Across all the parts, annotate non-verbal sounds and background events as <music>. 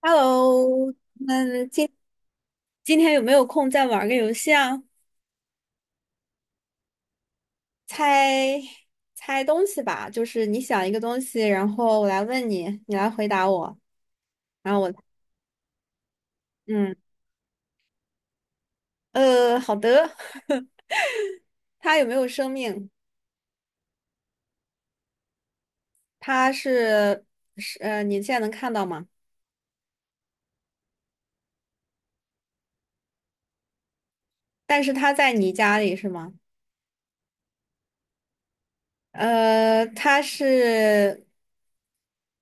Hello,那今天有没有空再玩个游戏啊？猜猜东西吧，就是你想一个东西，然后我来问你，你来回答我，然后我，嗯，好的。<laughs> 它有没有生命？它是你现在能看到吗？但是它在你家里是吗？呃，它是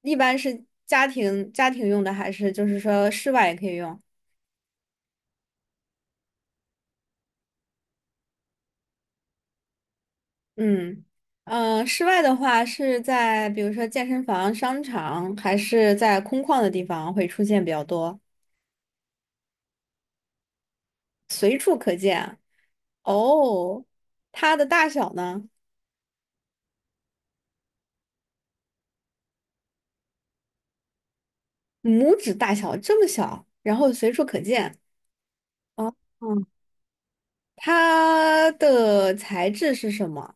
一般是家庭用的，还是就是说室外也可以用？嗯，室外的话是在比如说健身房、商场，还是在空旷的地方会出现比较多。哦，它的大小呢？拇指大小，这么小，然后随处可见。哦，嗯，它的材质是什么？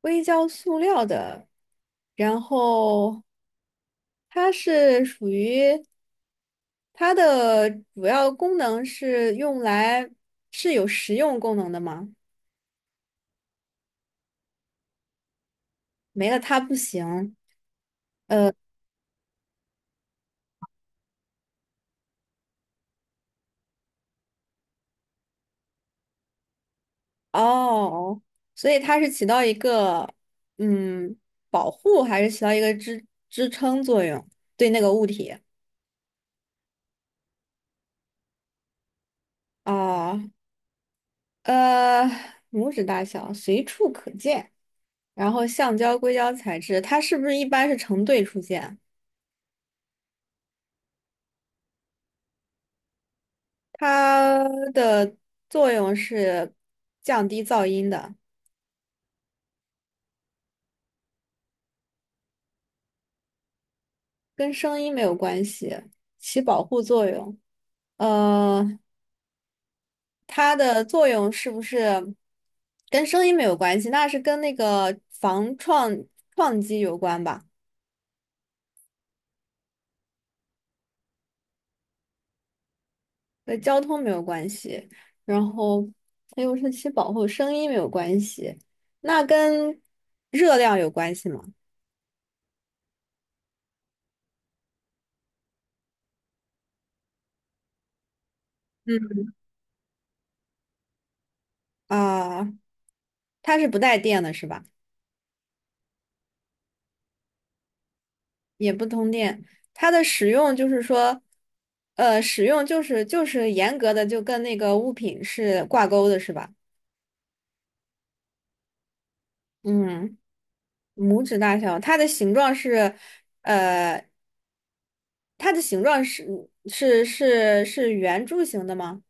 硅胶塑料的，然后它是属于它的主要功能是用来是有实用功能的吗？没了它不行。呃，哦，所以它是起到一个嗯保护，还是起到一个支撑作用？对那个物体啊？呃，拇指大小，随处可见。然后橡胶、硅胶材质，它是不是一般是成对出现？它的作用是降低噪音的，跟声音没有关系，起保护作用。呃，它的作用是不是跟声音没有关系？那是跟那个防撞击有关吧？跟交通没有关系，然后还有是其保护声音没有关系，那跟热量有关系吗？嗯，啊，它是不带电的，是吧？也不通电，它的使用就是说，使用就是严格的就跟那个物品是挂钩的，是吧？嗯。拇指大小，它的形状是，呃，它的形状是是圆柱形的吗？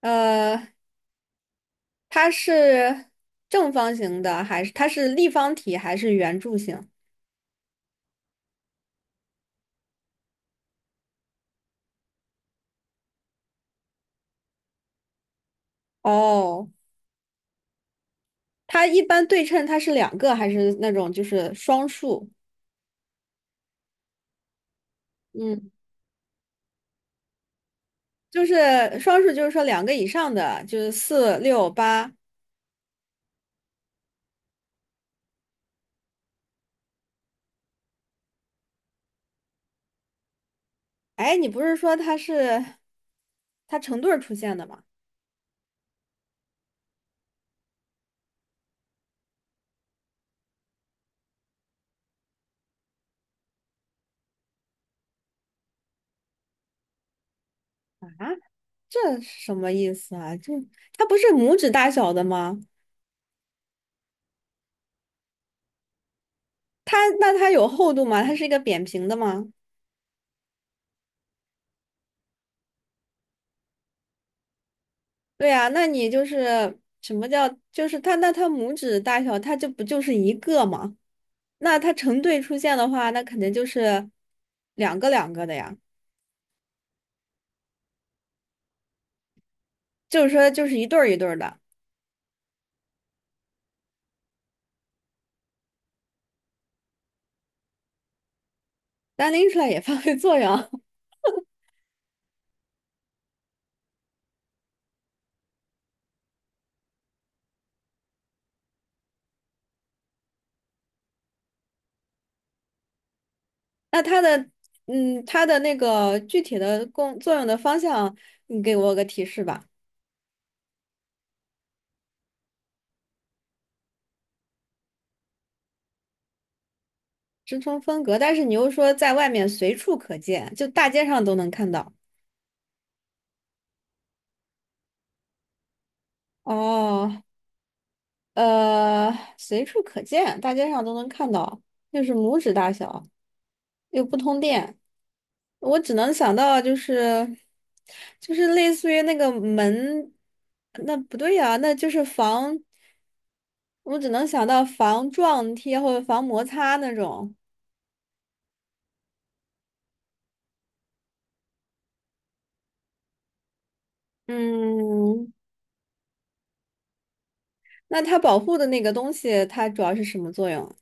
呃，它是正方形的，还是它是立方体，还是圆柱形？哦，它一般对称，它是两个，还是那种就是双数？嗯，就是双数，就是说两个以上的，就是四六八。哎，你不是说它成对儿出现的吗？啊？这是什么意思啊？这它不是拇指大小的吗？它那它有厚度吗？它是一个扁平的吗？对呀，那你就是什么叫就是它那它拇指大小，它就不就是一个吗？那它成对出现的话，那肯定就是两个两个的呀，就是说就是一对儿一对儿的，单拎出来也发挥作用。<laughs> 那它的它的那个具体的功作用的方向，你给我个提示吧。支撑风格，但是你又说在外面随处可见，就大街上都能看到。哦，呃，随处可见，大街上都能看到，又是拇指大小，又不通电，我只能想到就是，就是类似于那个门，那不对呀、那就是防，我只能想到防撞贴或者防摩擦那种。嗯，那它保护的那个东西，它主要是什么作用？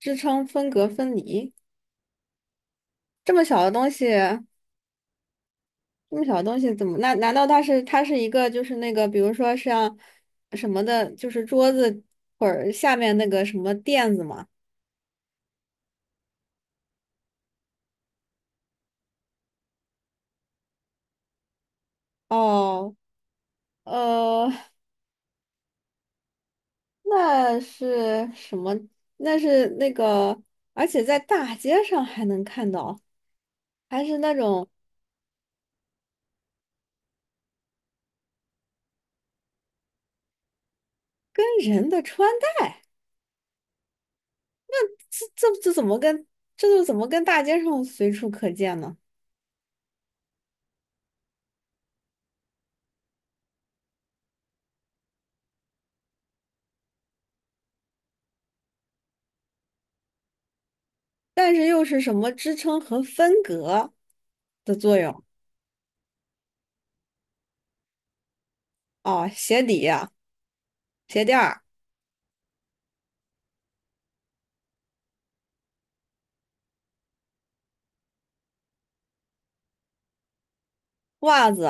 支撑分隔分离。这么小的东西，这么小的东西怎么？那难道它是它是一个就是那个，比如说像什么的，就是桌子或者下面那个什么垫子吗？哦，呃，那是什么？那是那个，而且在大街上还能看到，还是那种跟人的穿戴，这怎么跟这就怎么跟大街上随处可见呢？但是又是什么支撑和分隔的作用？哦，鞋底、鞋垫儿、袜子、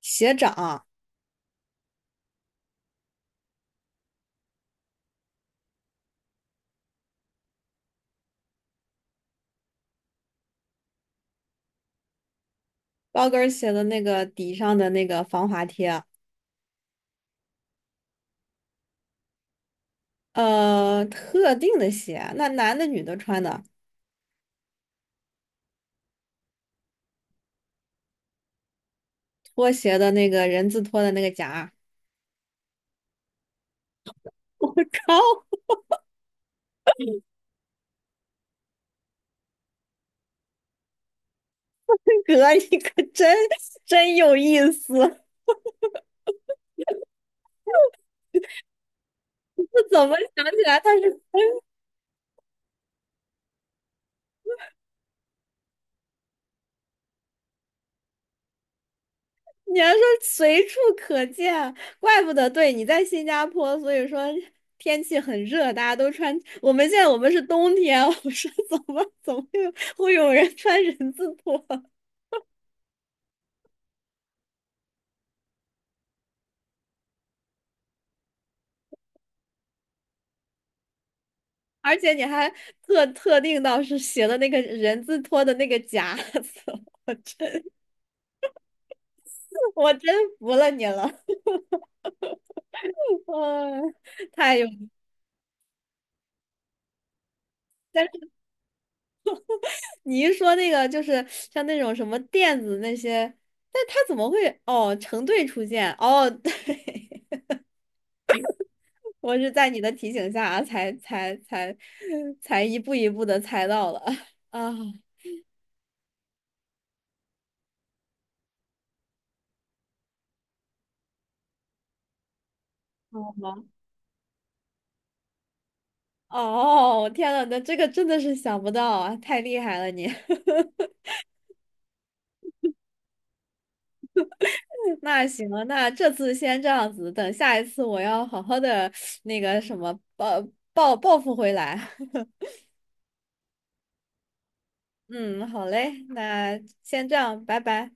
鞋掌、高跟儿鞋的那个底上的那个防滑贴，特定的鞋，那男的女的穿的，拖鞋的那个人字拖的那个夹儿 <laughs> 我靠，哥，你可真真有意思！<laughs> 我怎么想起来他是你还说随处可见，怪不得对你在新加坡，所以说天气很热，大家都穿。我们现在我们是冬天，<laughs> 我说怎么会有会有人穿人字拖？而且你还特定到是写的那个人字拖的那个夹子，<laughs> 我真我真服了你了，<laughs> 嗯，太有。但是你一说那个就是像那种什么垫子那些，但他怎么会哦成对出现哦？<laughs> 对。我是在你的提醒下才 <laughs> 才一步一步的猜到了 <laughs> 啊！好吗？哦，天呐，那这个真的是想不到啊，太厉害了你！<laughs> 那行了，那这次先这样子，等下一次我要好好的那个什么报报复回来。<laughs> 嗯，好嘞，那先这样，拜拜。